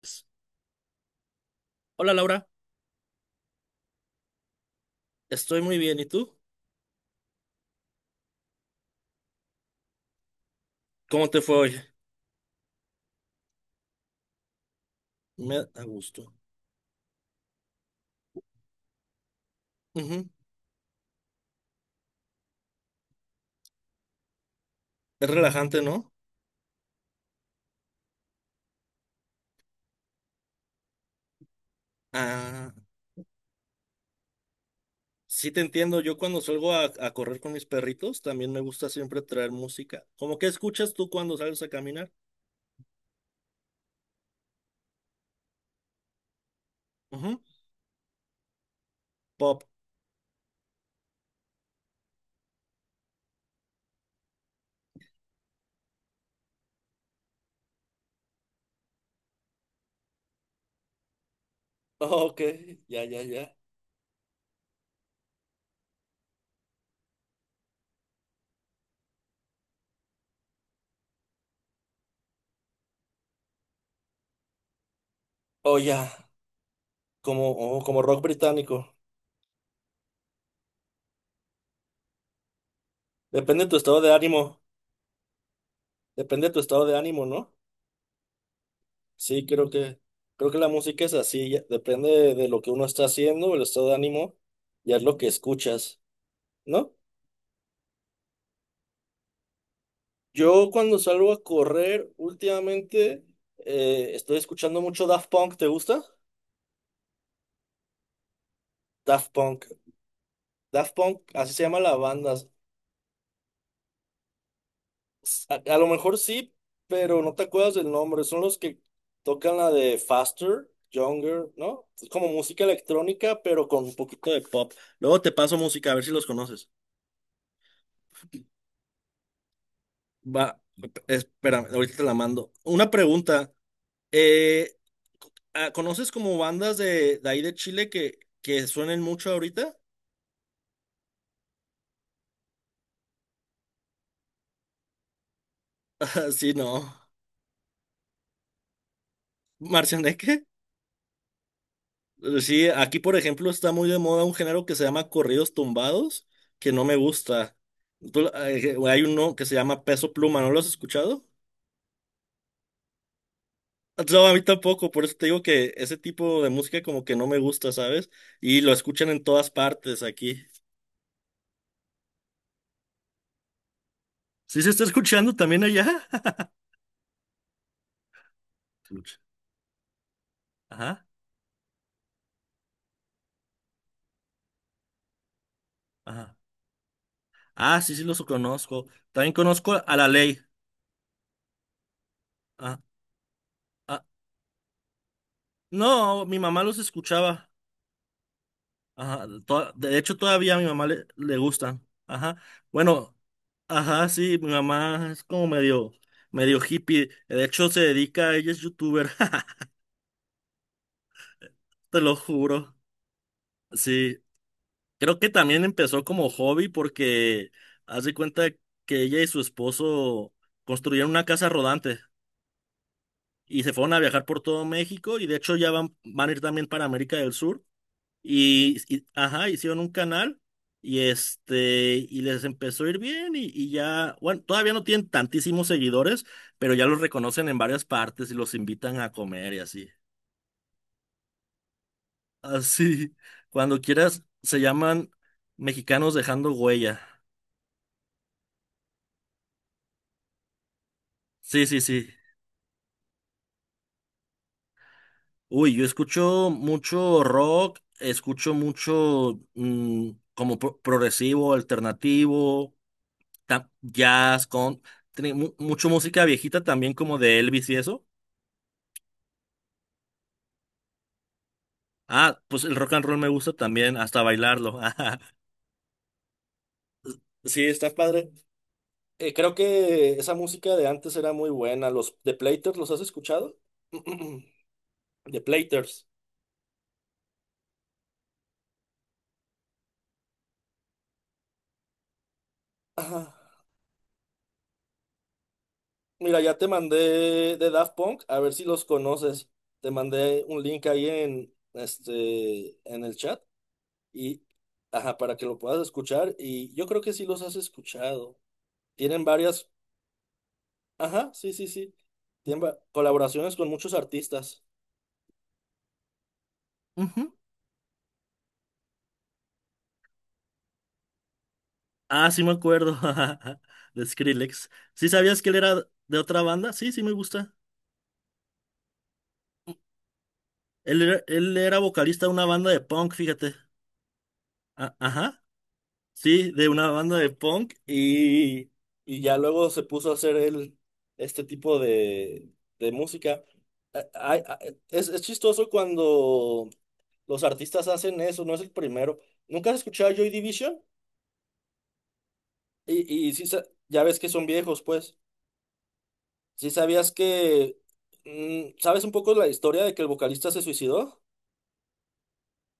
Pues, hola, Laura, estoy muy bien. ¿Y tú? ¿Cómo te fue hoy? Me a gusto. Ujú. Es relajante, ¿no? Ah, sí te entiendo. Yo cuando salgo a correr con mis perritos, también me gusta siempre traer música. ¿Cómo que escuchas tú cuando sales a caminar? Ujú. Pop. Oh, ok, ya, ya, ya. Oh, ya. Oh, como rock británico. Depende de tu estado de ánimo. Depende de tu estado de ánimo, ¿no? Sí, creo que la música es así, depende de lo que uno está haciendo, el estado de ánimo, ya es lo que escuchas, ¿no? Yo cuando salgo a correr últimamente, estoy escuchando mucho Daft Punk, ¿te gusta? Daft Punk, Daft Punk, así se llama la banda. A lo mejor sí, pero no te acuerdas del nombre, son los que tocan la de Faster, Younger, ¿no? Es como música electrónica, pero con un poquito de pop. Luego te paso música, a ver si los conoces. Va, espérame, ahorita te la mando. Una pregunta. eh, ¿Conoces como bandas de ahí de Chile que suenen mucho ahorita? Sí, no. ¿Marcianeque? Sí, aquí por ejemplo está muy de moda un género que se llama corridos tumbados, que no me gusta. Hay uno que se llama Peso Pluma, ¿no lo has escuchado? No, a mí tampoco, por eso te digo que ese tipo de música como que no me gusta, ¿sabes? Y lo escuchan en todas partes aquí. ¿Sí se está escuchando también allá? Lucha. Ajá, ajá. Ah, sí, sí, los conozco. También conozco a La Ley. Ah, ah. No, mi mamá los escuchaba. Ajá. De hecho, todavía a mi mamá le gustan. Ajá. Bueno, ajá, sí, mi mamá es como medio, medio hippie. De hecho, se dedica, ella es youtuber. Te lo juro. Sí. Creo que también empezó como hobby porque haz de cuenta que ella y su esposo construyeron una casa rodante. Y se fueron a viajar por todo México y de hecho ya van a ir también para América del Sur ajá, hicieron un canal y este y les empezó a ir bien y, ya, bueno, todavía no tienen tantísimos seguidores, pero ya los reconocen en varias partes y los invitan a comer y así. Así, cuando quieras, se llaman Mexicanos Dejando Huella. Sí, sí, sí. Uy, yo escucho mucho rock, escucho mucho, como progresivo, alternativo, jazz, con tiene mucho música viejita también como de Elvis y eso. Ah, pues el rock and roll me gusta también, hasta bailarlo. Sí, está padre. Creo que esa música de antes era muy buena. Los The Platers, ¿los has escuchado? The Platers. Ajá. Mira, ya te mandé de Daft Punk, a ver si los conoces. Te mandé un link ahí en el chat y ajá, para que lo puedas escuchar y yo creo que sí los has escuchado. Tienen varias. Ajá, sí, sí, sí. Tiene colaboraciones con muchos artistas. Ujú. Ah, sí me acuerdo. De Skrillex. ¿Sí sabías que él era de otra banda? Sí, sí me gusta. Él era vocalista de una banda de punk, fíjate. Ajá. Sí, de una banda de punk. Y ya luego se puso a hacer él este tipo de música. A- a- a- es chistoso cuando los artistas hacen eso, no es el primero. ¿Nunca has escuchado Joy Division? Y sí, ya ves que son viejos, pues. ¿Sí sabías que... ¿Sabes un poco la historia de que el vocalista se suicidó?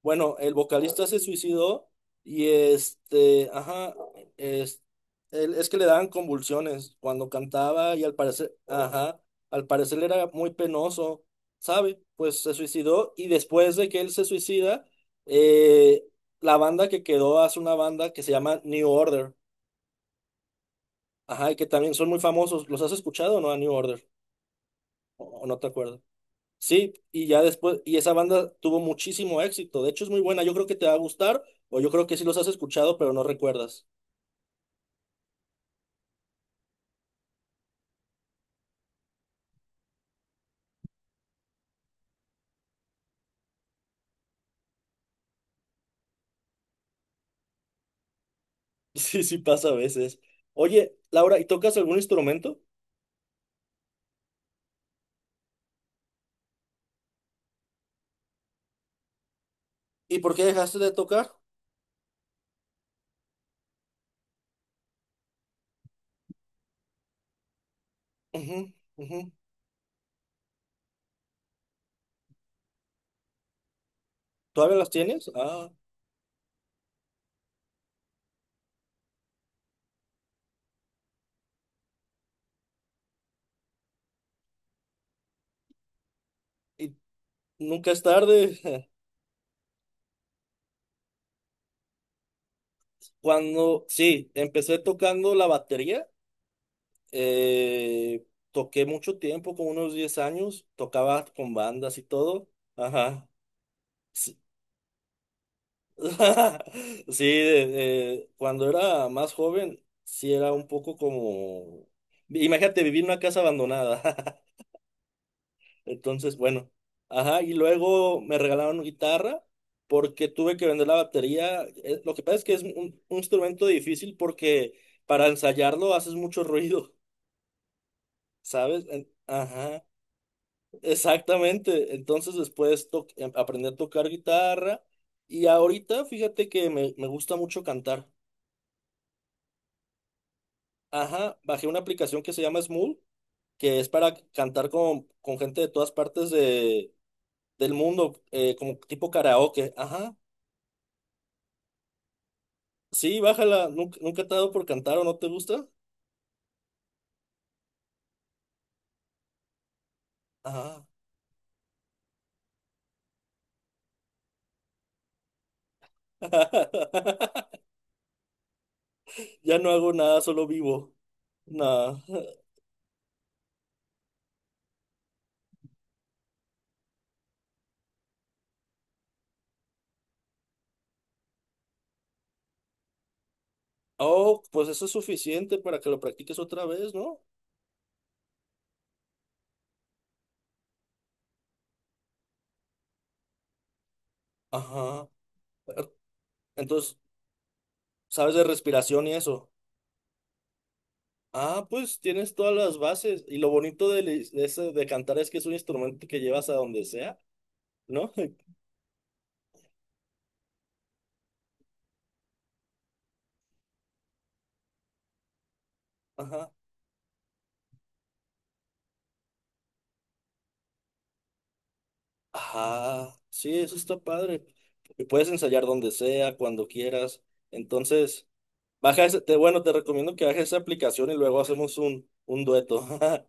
Bueno, el vocalista se suicidó y este, ajá, es, es que le daban convulsiones cuando cantaba y al parecer era muy penoso, ¿sabe? Pues se suicidó y después de que él se suicida, eh, la banda que quedó hace una banda que se llama New Order. Ajá, y que también son muy famosos. ¿Los has escuchado o no a New Order? O no te acuerdas. Sí, y ya después, y esa banda tuvo muchísimo éxito. De hecho, es muy buena. Yo creo que te va a gustar, o yo creo que sí los has escuchado, pero no recuerdas. Sí, sí pasa a veces. Oye, Laura, ¿y tocas algún instrumento? ¿Y por qué dejaste de tocar? Ujú, ujú. ¿Todavía las tienes? Ah, y nunca es tarde. Sí, empecé tocando la batería, eh, toqué mucho tiempo, como unos 10 años, tocaba con bandas y todo. Ajá. Sí, cuando era más joven, sí era un poco como, imagínate vivir en una casa abandonada. Entonces, bueno, ajá, y luego me regalaron guitarra porque tuve que vender la batería. Lo que pasa es que es un instrumento difícil porque para ensayarlo haces mucho ruido, ¿sabes? Ajá, exactamente. Entonces después aprendí a tocar guitarra y ahorita fíjate que me gusta mucho cantar. Ajá, bajé una aplicación que se llama Smule, que es para cantar con gente de todas partes del mundo, como tipo karaoke. Ajá, sí, bájala. ¿Nunca, nunca te ha dado por cantar o no te gusta? Ajá. Ya no hago nada, solo vivo. Nada. Oh, pues eso es suficiente para que lo practiques otra vez, ¿no? Ajá. Entonces, ¿sabes de respiración y eso? Ah, pues tienes todas las bases. Y lo bonito de cantar es que es un instrumento que llevas a donde sea. ¿No? Ajá. Ajá. Sí, eso está padre. Y puedes ensayar donde sea, cuando quieras. Entonces, bueno, te recomiendo que bajes esa aplicación y luego hacemos un dueto.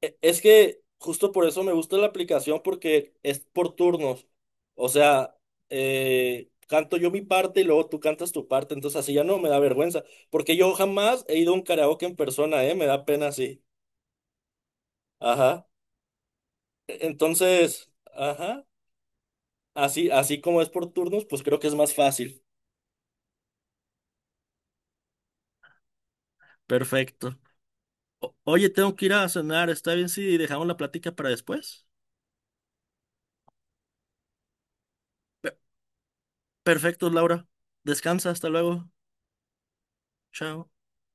Es que justo por eso me gusta la aplicación porque es por turnos. O sea, canto yo mi parte y luego tú cantas tu parte. Entonces así ya no me da vergüenza. Porque yo jamás he ido a un karaoke en persona, ¿eh? Me da pena así. Ajá. Entonces, ajá. Así, así como es por turnos, pues creo que es más fácil. Perfecto. Oye, tengo que ir a cenar. ¿Está bien si dejamos la plática para después? Pe- perfecto, Laura. Descansa, hasta luego. Chao.